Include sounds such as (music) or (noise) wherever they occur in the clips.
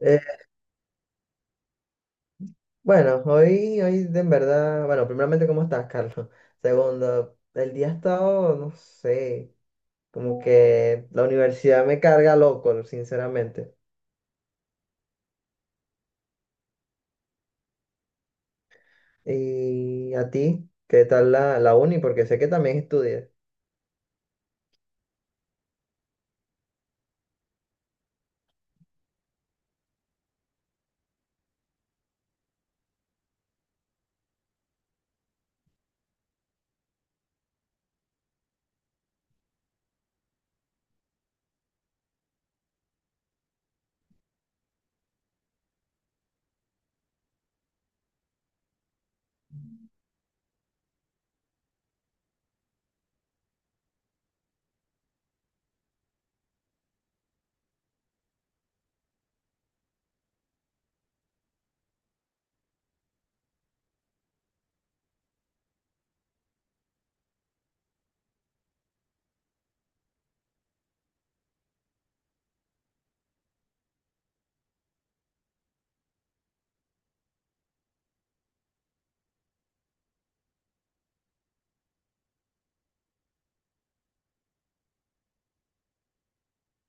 Eh, bueno, hoy de en verdad, bueno, primeramente, ¿cómo estás, Carlos? (laughs) Segundo, el día ha estado, no sé, como que la universidad me carga loco, sinceramente. ¿Y a ti? ¿Qué tal la uni? Porque sé que también estudias.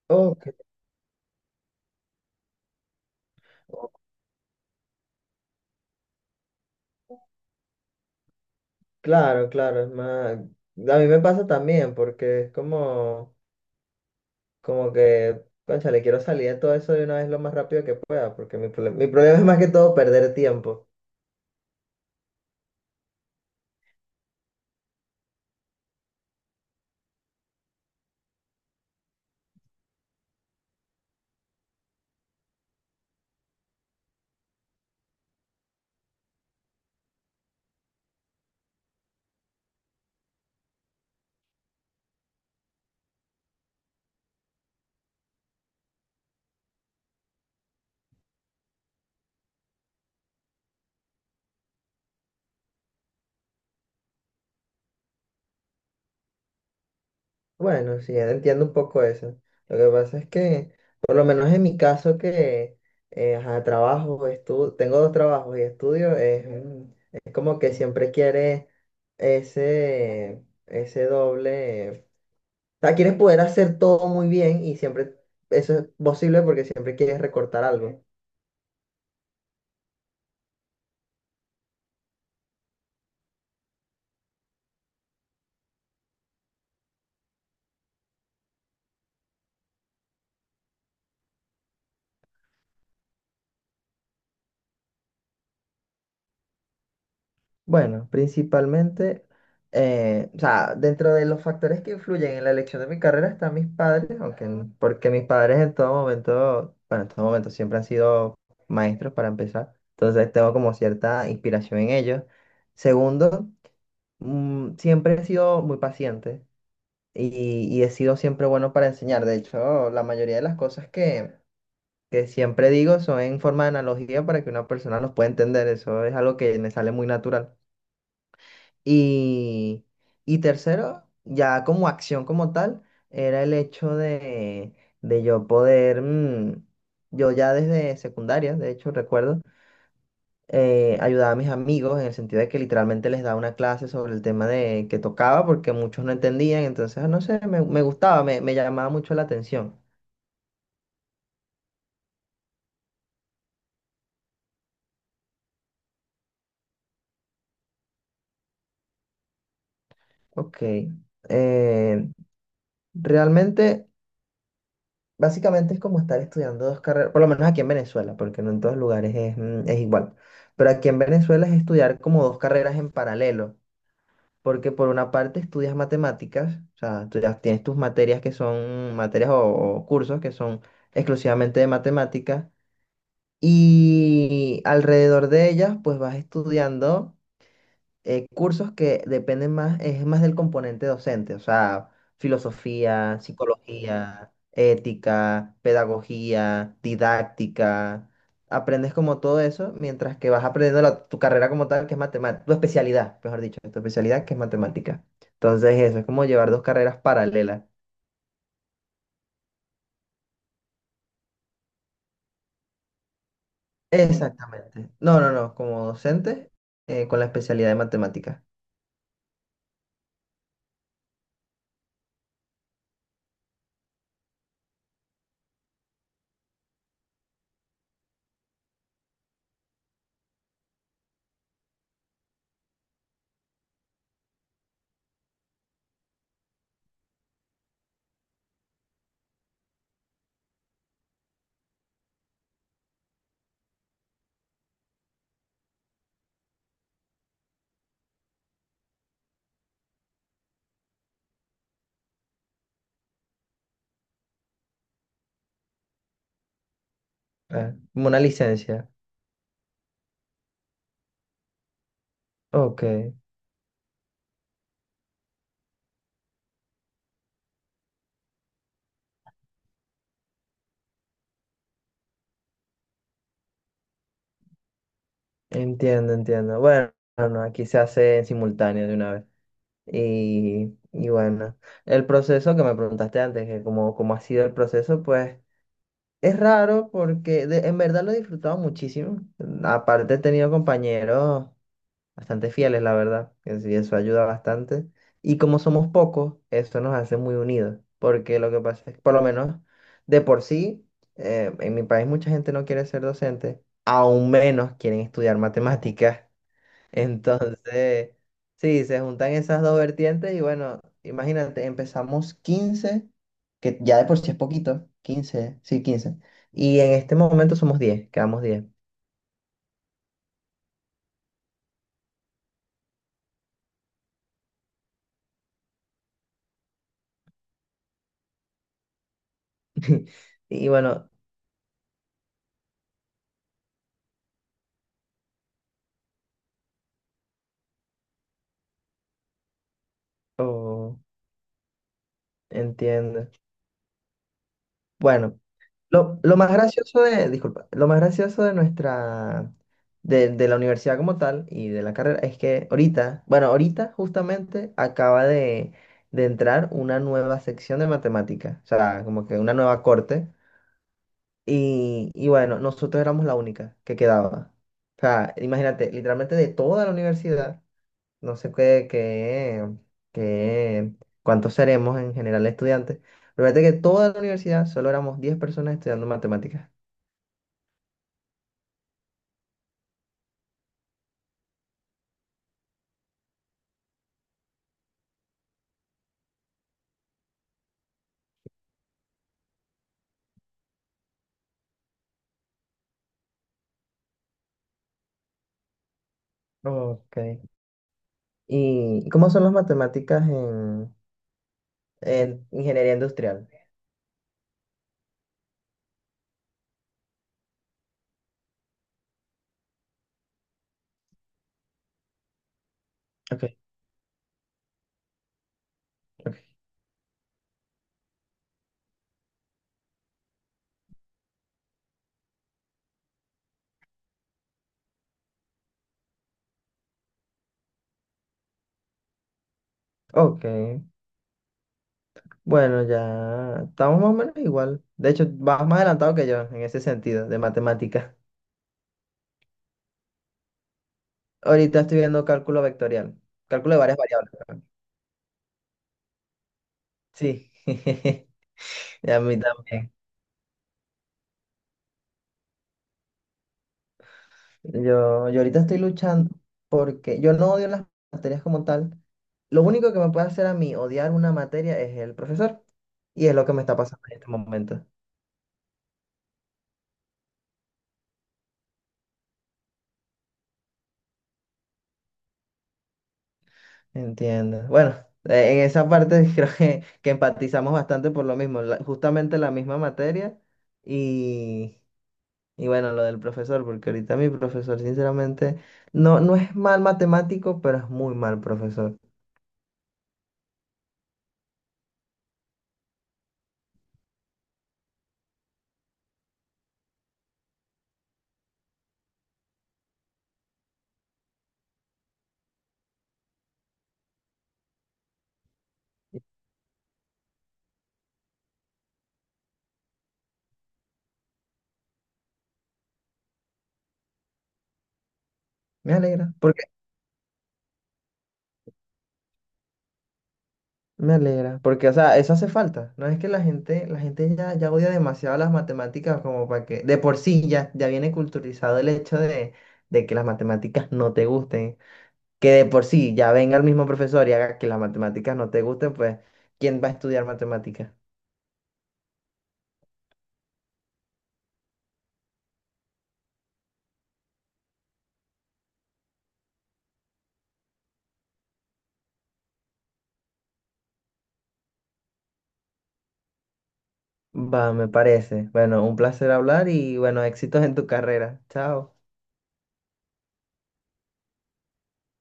Oh, oh, claro, claro, es más, a mí me pasa también, porque es como, como que, cónchale, quiero salir de todo eso de una vez lo más rápido que pueda, porque mi problema es más que todo perder tiempo. Bueno, sí, entiendo un poco eso. Lo que pasa es que, por lo menos en mi caso, que ajá, trabajo, estudio, tengo dos trabajos y estudio, es como que siempre quieres ese doble. O sea, quieres poder hacer todo muy bien y siempre eso es posible porque siempre quieres recortar algo. Bueno, principalmente, o sea, dentro de los factores que influyen en la elección de mi carrera están mis padres, aunque, porque mis padres en todo momento, bueno, en todo momento siempre han sido maestros para empezar, entonces tengo como cierta inspiración en ellos. Segundo, siempre he sido muy paciente y he sido siempre bueno para enseñar. De hecho, la mayoría de las cosas que siempre digo son en forma de analogía para que una persona los pueda entender. Eso es algo que me sale muy natural. Y, y tercero, ya como acción como tal, era el hecho de yo poder, yo ya desde secundaria, de hecho recuerdo, ayudaba a mis amigos en el sentido de que literalmente les daba una clase sobre el tema de que tocaba porque muchos no entendían, entonces ah, no sé, me gustaba, me llamaba mucho la atención. Ok, eh, realmente, básicamente es como estar estudiando dos carreras, por lo menos aquí en Venezuela, porque no en todos lugares es, es igual. Pero aquí en Venezuela es estudiar como dos carreras en paralelo, porque por una parte estudias matemáticas, o sea, tú ya tienes tus materias que son materias o cursos que son exclusivamente de matemáticas, y alrededor de ellas pues vas estudiando cursos que dependen más, es más del componente docente, o sea, filosofía, psicología, ética, pedagogía, didáctica. Aprendes como todo eso mientras que vas aprendiendo tu carrera como tal, que es matemática, tu especialidad, mejor dicho, tu especialidad que es matemática. Entonces eso es como llevar dos carreras paralelas. Exactamente. No, no, no, como docente con la especialidad de matemática. Ah, como una licencia. Ok. Entiendo, entiendo. Bueno, no, aquí se hace en simultáneo de una vez. Y bueno, el proceso que me preguntaste antes, que cómo, cómo ha sido el proceso, pues es raro porque en verdad lo he disfrutado muchísimo. Aparte he tenido compañeros bastante fieles, la verdad, que sí, eso ayuda bastante. Y como somos pocos, eso nos hace muy unidos, porque lo que pasa es que por lo menos de por sí, en mi país mucha gente no quiere ser docente, aún menos quieren estudiar matemáticas. Entonces, sí, se juntan esas dos vertientes y bueno, imagínate, empezamos 15, que ya de por sí es poquito, 15 sí, 15. Y en este momento somos 10, quedamos 10. (laughs) Y bueno, oh, entiendo. Bueno, lo más gracioso de, disculpa, lo más gracioso de nuestra, de la universidad como tal y de la carrera es que ahorita, bueno, ahorita justamente acaba de entrar una nueva sección de matemática, o sea, como que una nueva corte. Y bueno, nosotros éramos la única que quedaba. O sea, imagínate, literalmente de toda la universidad, no sé qué, cuántos seremos en general estudiantes, pero fíjate que toda la universidad solo éramos 10 personas estudiando matemáticas. Ok. ¿Y cómo son las matemáticas en ingeniería industrial? Ok. Ok. Ok. Bueno, ya estamos más o menos igual. De hecho, vas más adelantado que yo en ese sentido de matemáticas. Ahorita estoy viendo cálculo vectorial, cálculo de varias variables, perdón. Sí, (laughs) y a mí también. Yo ahorita estoy luchando porque yo no odio las materias como tal. Lo único que me puede hacer a mí odiar una materia es el profesor. Y es lo que me está pasando en este momento. Entiendo. Bueno, en esa parte (laughs) creo que empatizamos bastante por lo mismo, justamente la misma materia y, y bueno, lo del profesor, porque ahorita mi profesor, sinceramente, no, no es mal matemático, pero es muy mal profesor. Me alegra. Me alegra, porque, o sea, eso hace falta. No es que la gente ya, ya odia demasiado las matemáticas como para que, de por sí ya, ya viene culturizado el hecho de que las matemáticas no te gusten. Que de por sí ya venga el mismo profesor y haga que las matemáticas no te gusten, pues, ¿quién va a estudiar matemáticas? Va, me parece. Bueno, un placer hablar y, bueno, éxitos en tu carrera. Chao.